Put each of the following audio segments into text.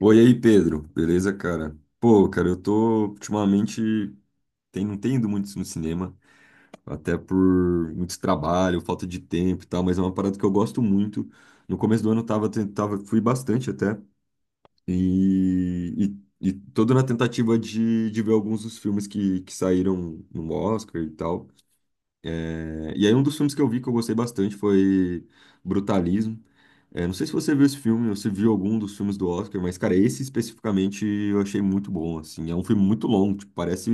Oi aí, Pedro. Beleza, cara? Pô, cara, eu tô ultimamente não tenho ido muito no cinema, até por muito trabalho, falta de tempo e tal, mas é uma parada que eu gosto muito. No começo do ano eu tava, tava fui bastante até, e, e todo na tentativa de ver alguns dos filmes que saíram no Oscar e tal. E aí um dos filmes que eu vi que eu gostei bastante foi Brutalismo. É, não sei se você viu esse filme ou se viu algum dos filmes do Oscar, mas, cara, esse especificamente eu achei muito bom, assim. É um filme muito longo, tipo, parece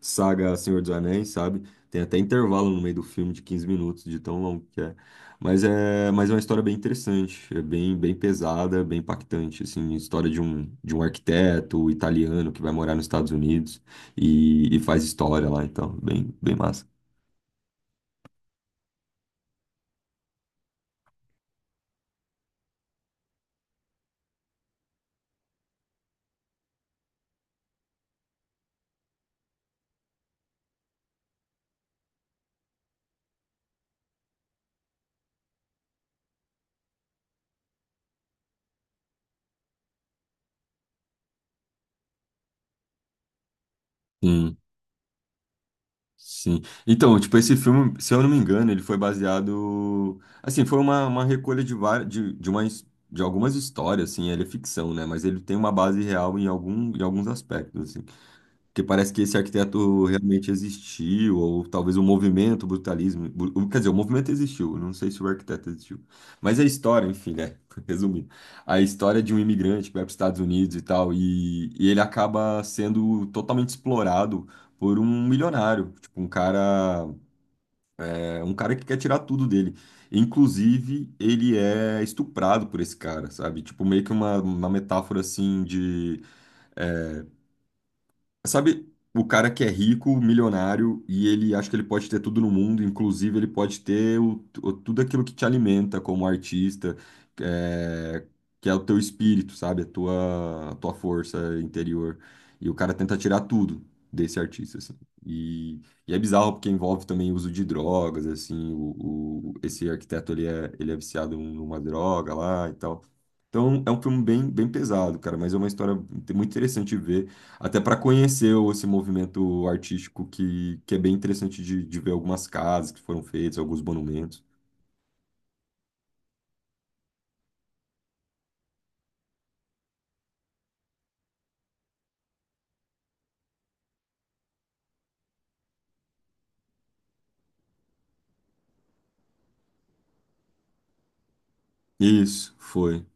saga Senhor dos Anéis, sabe? Tem até intervalo no meio do filme de 15 minutos, de tão longo que é. Mas é uma história bem interessante, é bem, bem pesada, bem impactante, assim. História de um arquiteto italiano que vai morar nos Estados Unidos e faz história lá, então, bem, bem massa. Sim. Então, tipo, esse filme, se eu não me engano, ele foi baseado. Assim, foi uma recolha várias, uma, de algumas histórias, assim, ele é ficção, né? Mas ele tem uma base real em alguns aspectos, porque parece que esse arquiteto realmente existiu, ou talvez o movimento, o brutalismo. Quer dizer, o movimento existiu, não sei se o arquiteto existiu. Mas a história, enfim, né? Resumindo, a história de um imigrante que vai para os Estados Unidos e tal, e ele acaba sendo totalmente explorado por um milionário, tipo, um cara, é, um cara que quer tirar tudo dele. Inclusive, ele é estuprado por esse cara, sabe? Tipo, meio que uma metáfora assim de. é, Sabe, o cara que é rico, milionário, e ele acha que ele pode ter tudo no mundo, inclusive ele pode ter tudo aquilo que te alimenta como artista, é, que é o teu espírito, sabe? A tua força interior. E o cara tenta tirar tudo desse artista, assim. E, e é bizarro porque envolve também o uso de drogas, assim, esse arquiteto, ele é viciado numa droga lá e tal. Então, é um filme bem, bem pesado, cara, mas é uma história muito interessante de ver. Até para conhecer esse movimento artístico que é bem interessante de ver algumas casas que foram feitas, alguns monumentos. Isso, foi.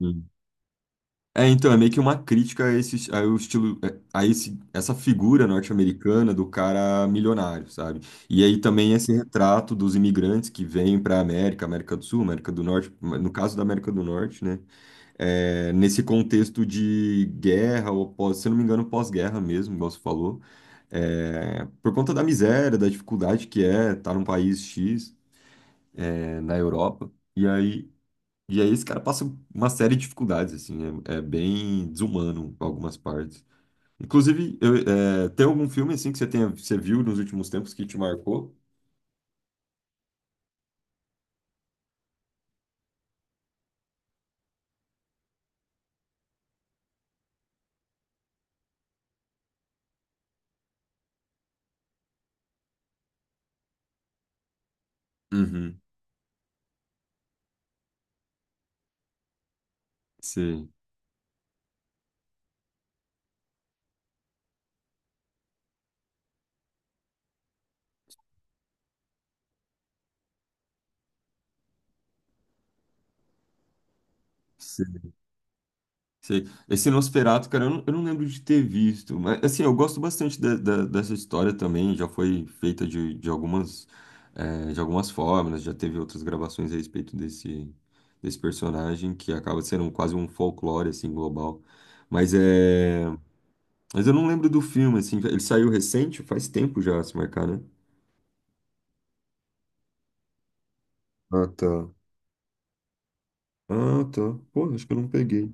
Sim. É, então, é meio que uma crítica a esse, a o estilo, a esse, essa figura norte-americana do cara milionário, sabe? E aí também esse retrato dos imigrantes que vêm para a América, América do Sul, América do Norte, no caso da América do Norte, né? É, nesse contexto de guerra, ou pós, se eu não me engano, pós-guerra mesmo, igual você falou, é, por conta da miséria, da dificuldade que é estar num país X, é, na Europa, e aí esse cara passa uma série de dificuldades, assim, é bem desumano em algumas partes. Inclusive, é, tem algum filme, assim, que você tenha, você viu nos últimos tempos que te marcou? Uhum, sim. Sei. Esse Nosferatu, cara, eu não lembro de ter visto, mas assim, eu gosto bastante dessa história também, já foi feita de algumas, de algumas formas, já teve outras gravações a respeito desse, desse personagem, que acaba sendo um, quase um folclore, assim, global. Mas é... Mas eu não lembro do filme, assim, ele saiu recente, faz tempo já, se marcar, né? Ah, tá. Ah, tá. Pô, acho que eu não peguei.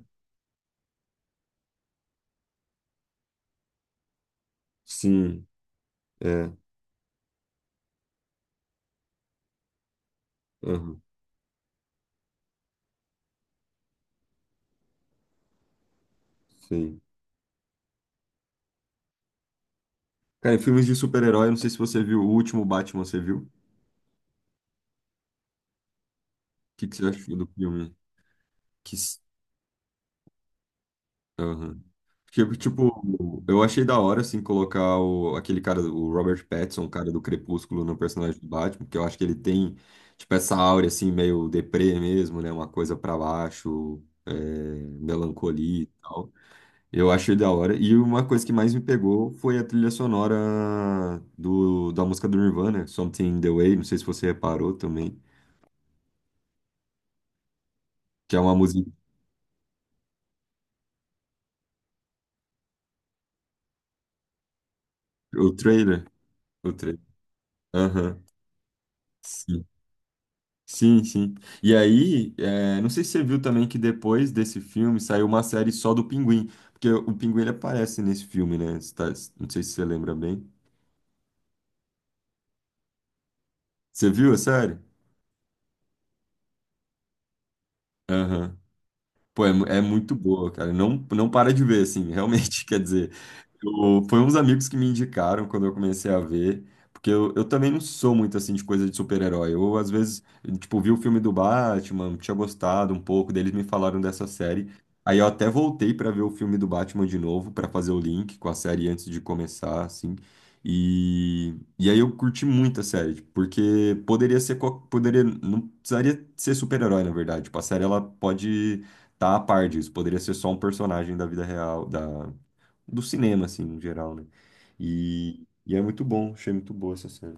Sim, é. Aham, sim. Cara, em filmes de super-herói, eu não sei se você viu o último Batman, você viu? Que você achou do filme? Que... s- aham. Porque, tipo, eu achei da hora, assim, colocar o, aquele cara, o Robert Pattinson, o cara do Crepúsculo, no personagem do Batman, porque eu acho que ele tem, tipo, essa áurea, assim, meio deprê mesmo, né? Uma coisa pra baixo, é, melancolia e tal. Eu achei da hora. E uma coisa que mais me pegou foi a trilha sonora da música do Nirvana, Something in the Way, não sei se você reparou também, que é uma música... O trailer... O trailer... Aham. Sim. Sim, sim. E aí, é, não sei se você viu também que depois desse filme saiu uma série só do Pinguim, porque o Pinguim ele aparece nesse filme, né? Não sei se você lembra bem. Você viu a série? Aham. Pô, é, é muito boa, cara. Não para de ver, assim, realmente, quer dizer. Foi uns amigos que me indicaram quando eu comecei a ver, porque eu também não sou muito assim de coisa de super-herói. Eu, às vezes, tipo, vi o filme do Batman, tinha gostado um pouco, deles me falaram dessa série. Aí eu até voltei pra ver o filme do Batman de novo, pra fazer o link com a série antes de começar, assim. E aí eu curti muito a série, tipo, porque poderia ser, poderia, não precisaria ser super-herói, na verdade. Tipo, a série ela pode tá a par disso. Poderia ser só um personagem da vida real, do cinema, assim, no geral, né? E é muito bom, achei muito boa essa série.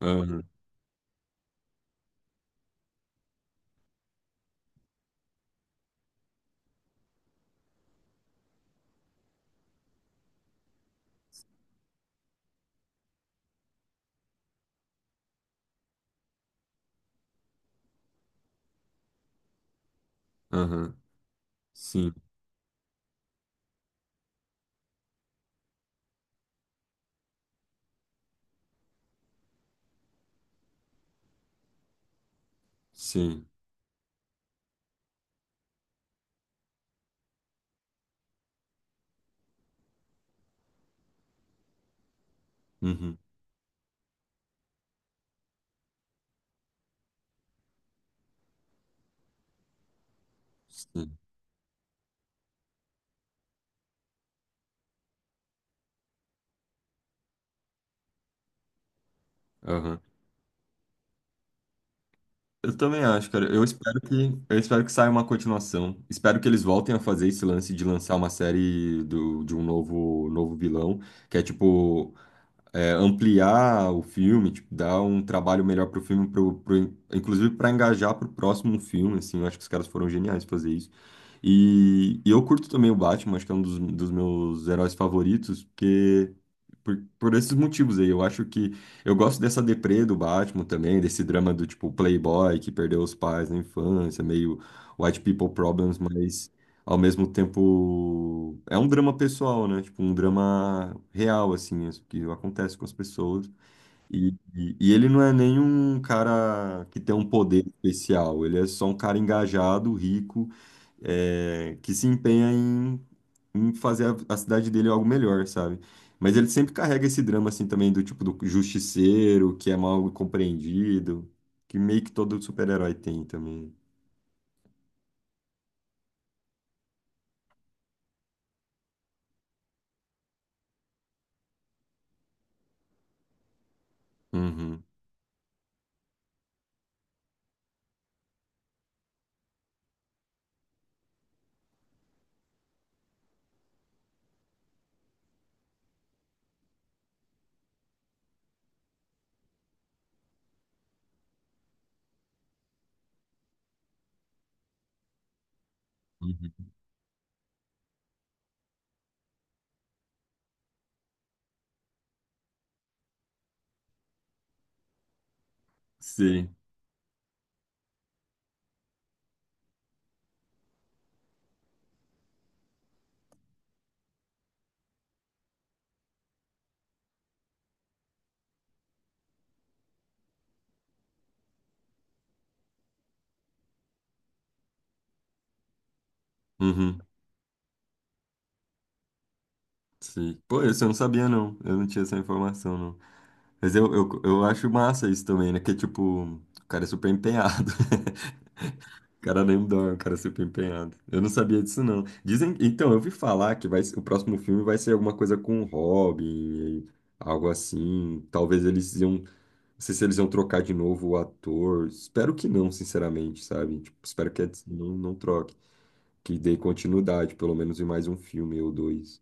Aham, aham, sim, sim, uhum, sim, aham. Eu também acho, cara. Eu espero que saia uma continuação. Espero que eles voltem a fazer esse lance de lançar uma série do, de um novo, novo vilão, que é tipo é, ampliar o filme, tipo, dar um trabalho melhor pro filme, inclusive para engajar pro próximo filme, assim. Eu acho que os caras foram geniais fazer isso. E eu curto também o Batman, acho que é um dos meus heróis favoritos, porque por esses motivos aí. Eu acho que eu gosto dessa deprê do Batman também, desse drama do tipo playboy que perdeu os pais na infância, meio white people problems, mas ao mesmo tempo é um drama pessoal, né? Tipo, um drama real, assim, isso que acontece com as pessoas. E ele não é nenhum cara que tem um poder especial, ele é só um cara engajado, rico, é, que se empenha em fazer a cidade dele algo melhor, sabe? Mas ele sempre carrega esse drama, assim, também do tipo do justiceiro, que é mal compreendido, que meio que todo super-herói tem também. Uhum, uhum. Sim, uhum, sim. Pô, isso eu não sabia, não. Eu não tinha essa informação, não. Mas eu acho massa isso também, né? Que, tipo, o cara é super empenhado. O cara nem dorme, o cara é super empenhado. Eu não sabia disso, não. Dizem... Então, eu vi falar que vai... o próximo filme vai ser alguma coisa com o Robin, algo assim. Talvez eles iam... Não sei se eles iam trocar de novo o ator. Espero que não, sinceramente, sabe? Tipo, espero que a Disney não troque. Que dê continuidade, pelo menos em mais um filme ou dois.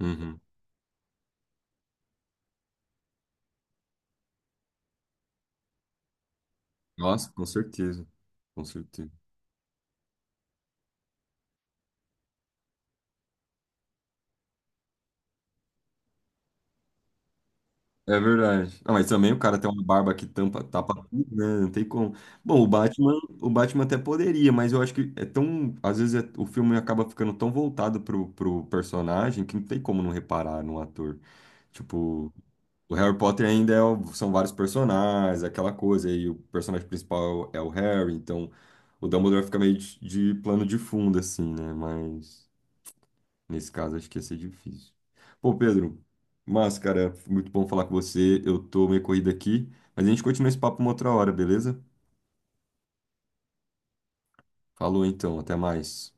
Uhum. Nossa, com certeza. Com certeza. É verdade. Ah, mas também o cara tem uma barba que tampa, tapa tudo, né? Não tem como. Bom, o Batman até poderia, mas eu acho que é tão. Às vezes o filme acaba ficando tão voltado pro, personagem que não tem como não reparar no ator. Tipo, o Harry Potter ainda é são vários personagens, aquela coisa, e o personagem principal é o Harry, então o Dumbledore fica meio de plano de fundo, assim, né? Mas. Nesse caso, acho que ia ser difícil. Pô, Pedro, mas, cara, foi muito bom falar com você. Eu tô meio corrido aqui, mas a gente continua esse papo uma outra hora, beleza? Falou então, até mais.